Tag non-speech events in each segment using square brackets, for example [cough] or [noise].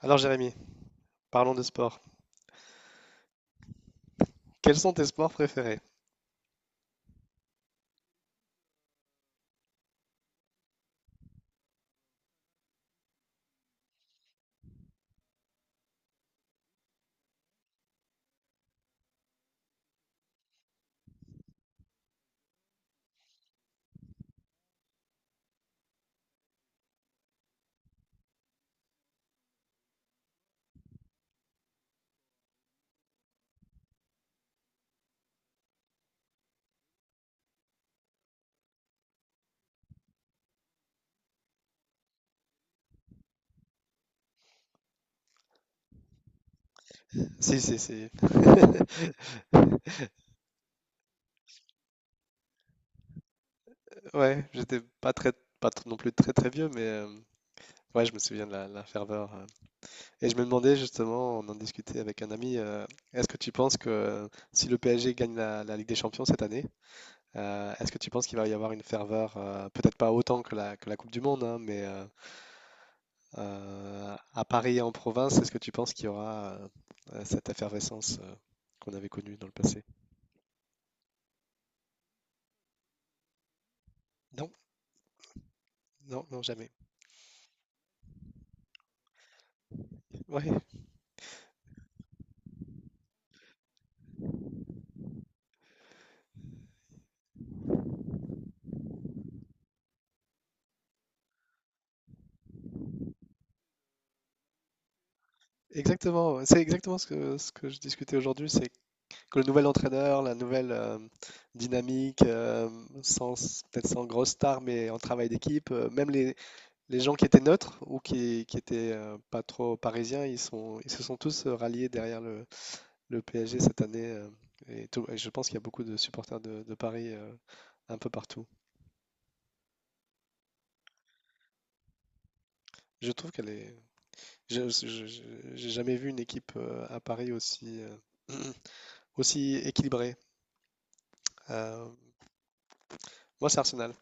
Alors Jérémy, parlons de sport. Quels sont tes sports préférés? Si, si, si. [laughs] Ouais, j'étais pas très, pas tr- non plus très très vieux, mais ouais, je me souviens de la ferveur. Et je me demandais justement, on en discutait avec un ami, est-ce que tu penses que si le PSG gagne la Ligue des Champions cette année, est-ce que tu penses qu'il va y avoir une ferveur, peut-être pas autant que que la Coupe du Monde, hein, mais à Paris et en province, est-ce que tu penses qu'il y aura cette effervescence qu'on avait connue dans le passé? Non, non, jamais. Ouais, exactement. C'est exactement ce que je discutais aujourd'hui, c'est que le nouvel entraîneur, la nouvelle dynamique, sans, peut-être sans grosse star, mais en travail d'équipe, même les gens qui étaient neutres ou qui étaient pas trop parisiens, ils se sont tous ralliés derrière le PSG cette année. Et je pense qu'il y a beaucoup de supporters de Paris un peu partout. Je trouve qu'elle est. je- je- je- J'ai jamais vu une équipe à Paris aussi. [clears throat] Aussi équilibré. Euh, moi, c'est Arsenal.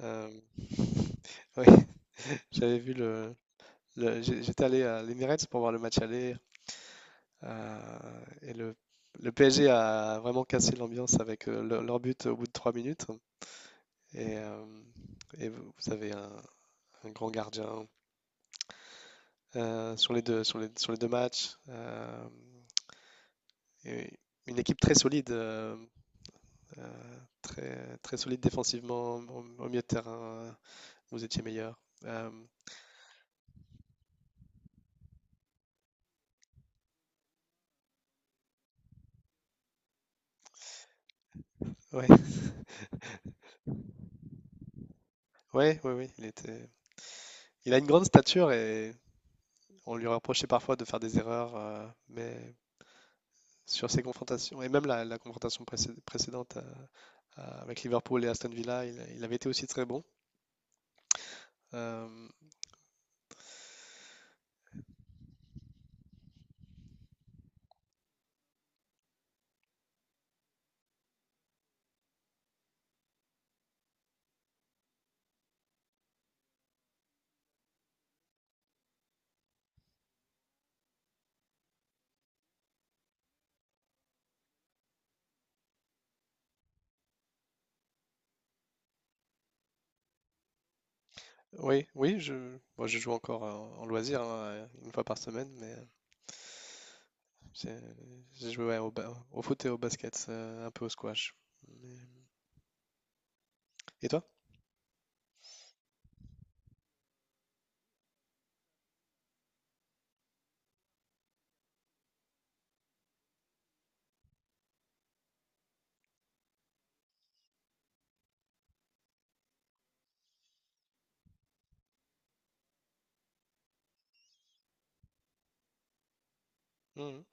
Euh, [laughs] oui, j'avais vu le- j'ai- j'étais allé à l'Emirates pour voir le match aller et le PSG a vraiment cassé l'ambiance avec leur but au bout de trois minutes. Et, euh, et vous avez un grand gardien sur les deux matchs. Et une équipe très solide, très, très solide défensivement. Au milieu de terrain, vous étiez meilleur. Euh, Ouais, [laughs] ouais, il était... Il a une grande stature et on lui reprochait parfois de faire des erreurs, mais sur ses confrontations, et même la confrontation précédente avec Liverpool et Aston Villa, il avait été aussi très bon. Euh, oui, je, moi je joue encore en, en loisir, hein, une fois par semaine, j'ai j'ai joué ouais, au foot et au basket, un peu au squash. Mais- Et toi? Mhm.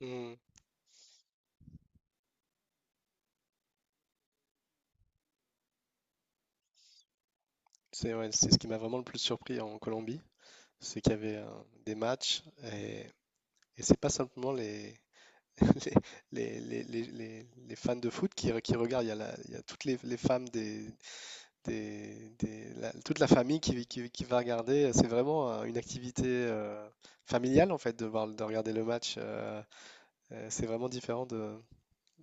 Mhm. C'est ouais, c'est ce qui m'a vraiment le plus surpris en Colombie. C'est qu'il y avait des matchs et, et c'est pas simplement [laughs] les fans de foot qui regardent. Il y a toutes les femmes toute la famille qui va regarder. C'est vraiment une activité familiale en fait de voir, de regarder le match. C'est vraiment différent de,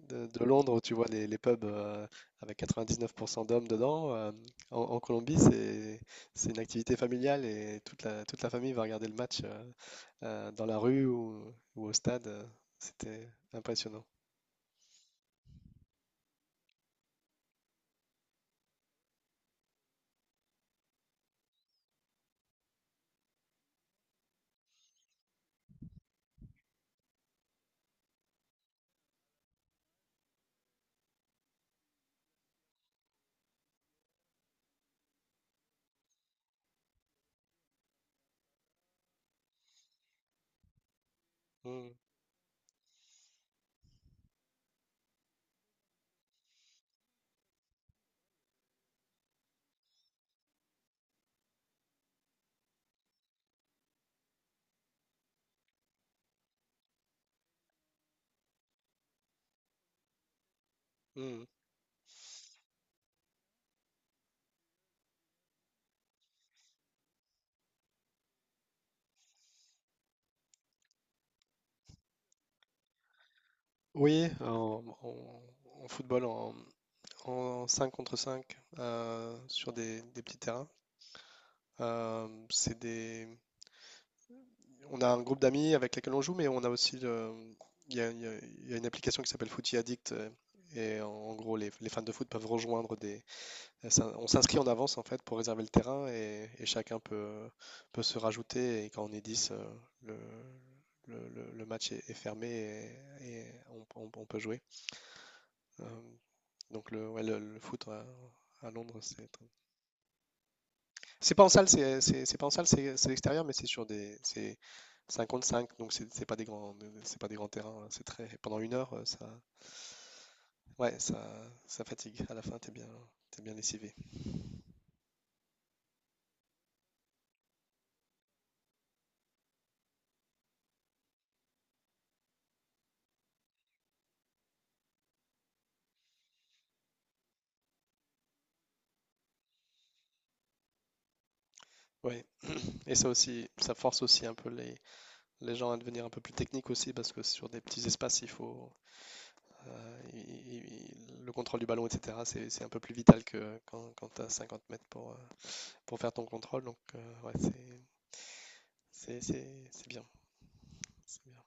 de, de Londres où tu vois les pubs avec 99% d'hommes dedans. En Colombie, c'est une activité familiale et toute toute la famille va regarder le match. Dans la rue ou au stade. C'était impressionnant. Mm, mm. Oui, en football, en 5 contre 5 sur des petits terrains. C'est des... On a un groupe d'amis avec lesquels on joue, mais on a aussi il y a, il y a- il y a une application qui s'appelle Footy Addict. Et en, en gros, les fans de foot peuvent rejoindre des, on s'inscrit en avance en fait pour réserver le terrain et chacun peut, peut se rajouter. Et quand on est 10 le, le match est, est fermé et, on peut jouer. Euh, donc ouais, le foot à Londres, c'est pas en salle, c'est pas en salle, c'est extérieur, mais c'est sur des c'est cinq contre cinq, donc c'est pas des grands c'est pas des grands terrains. Hein, c'est très pendant une heure, ça ouais ça ça fatigue. À la fin, t'es bien lessivé. Oui, [clears throat] et ça aussi, ça force aussi un peu les gens à devenir un peu plus techniques aussi, parce que sur des petits espaces, il faut euh, il- il- le contrôle du ballon, etc. C'est un peu plus vital que quand, quand tu as 50 mètres pour faire ton contrôle. Donc, ouais, c'est bien. c'est bien.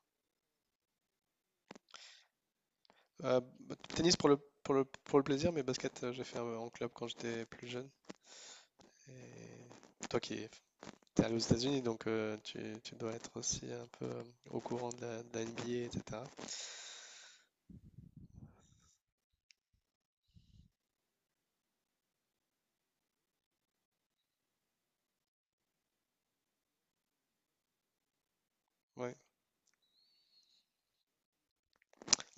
Bah, tennis pour pour le plaisir, mais basket, en club quand j'étais plus jeune. Et toi qui es allé aux États-Unis, donc tu dois être aussi un peu au courant de de la NBA, etc. Ouais.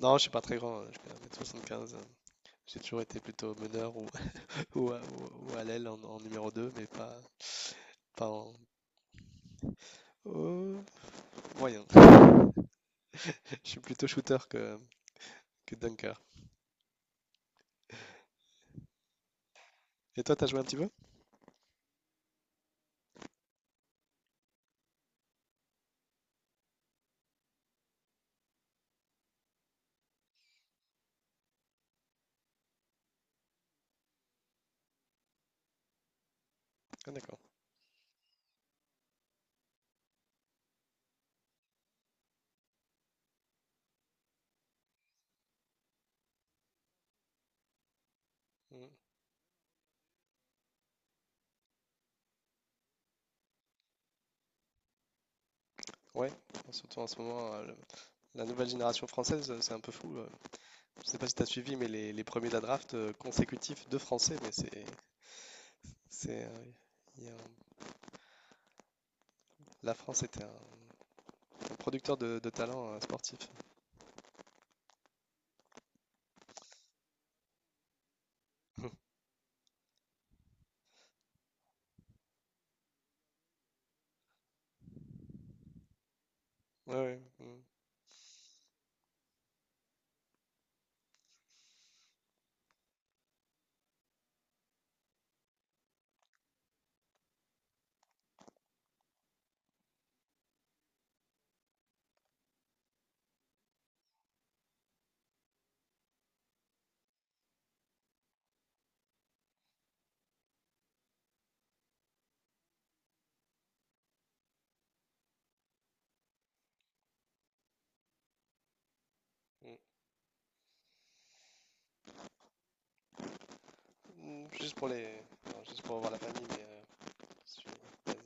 Non, je suis pas très grand, hein, je fais 1m75. Hein. J'ai toujours été plutôt meneur ou, [laughs] à l'aile en, en numéro 2, mais pas, pas en oh, moyen. [laughs] Je suis plutôt shooter que dunker. Et toi, t'as joué un petit peu? Ah, d'accord. Mm. Ouais, surtout en ce moment, la nouvelle génération française, c'est un peu fou. Je sais pas si t'as suivi, mais les premiers de la draft consécutifs de Français, mais c'est, il y a un- la France était un producteur de talent sportif. [laughs] Ouais, mm, mm. Mm, juste pour non, juste pour voir la famille, je suis basé,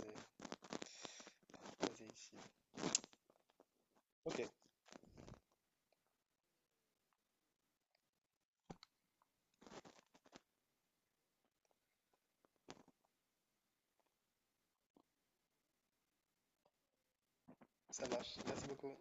basé ici. Ok, ça marche. Merci beaucoup.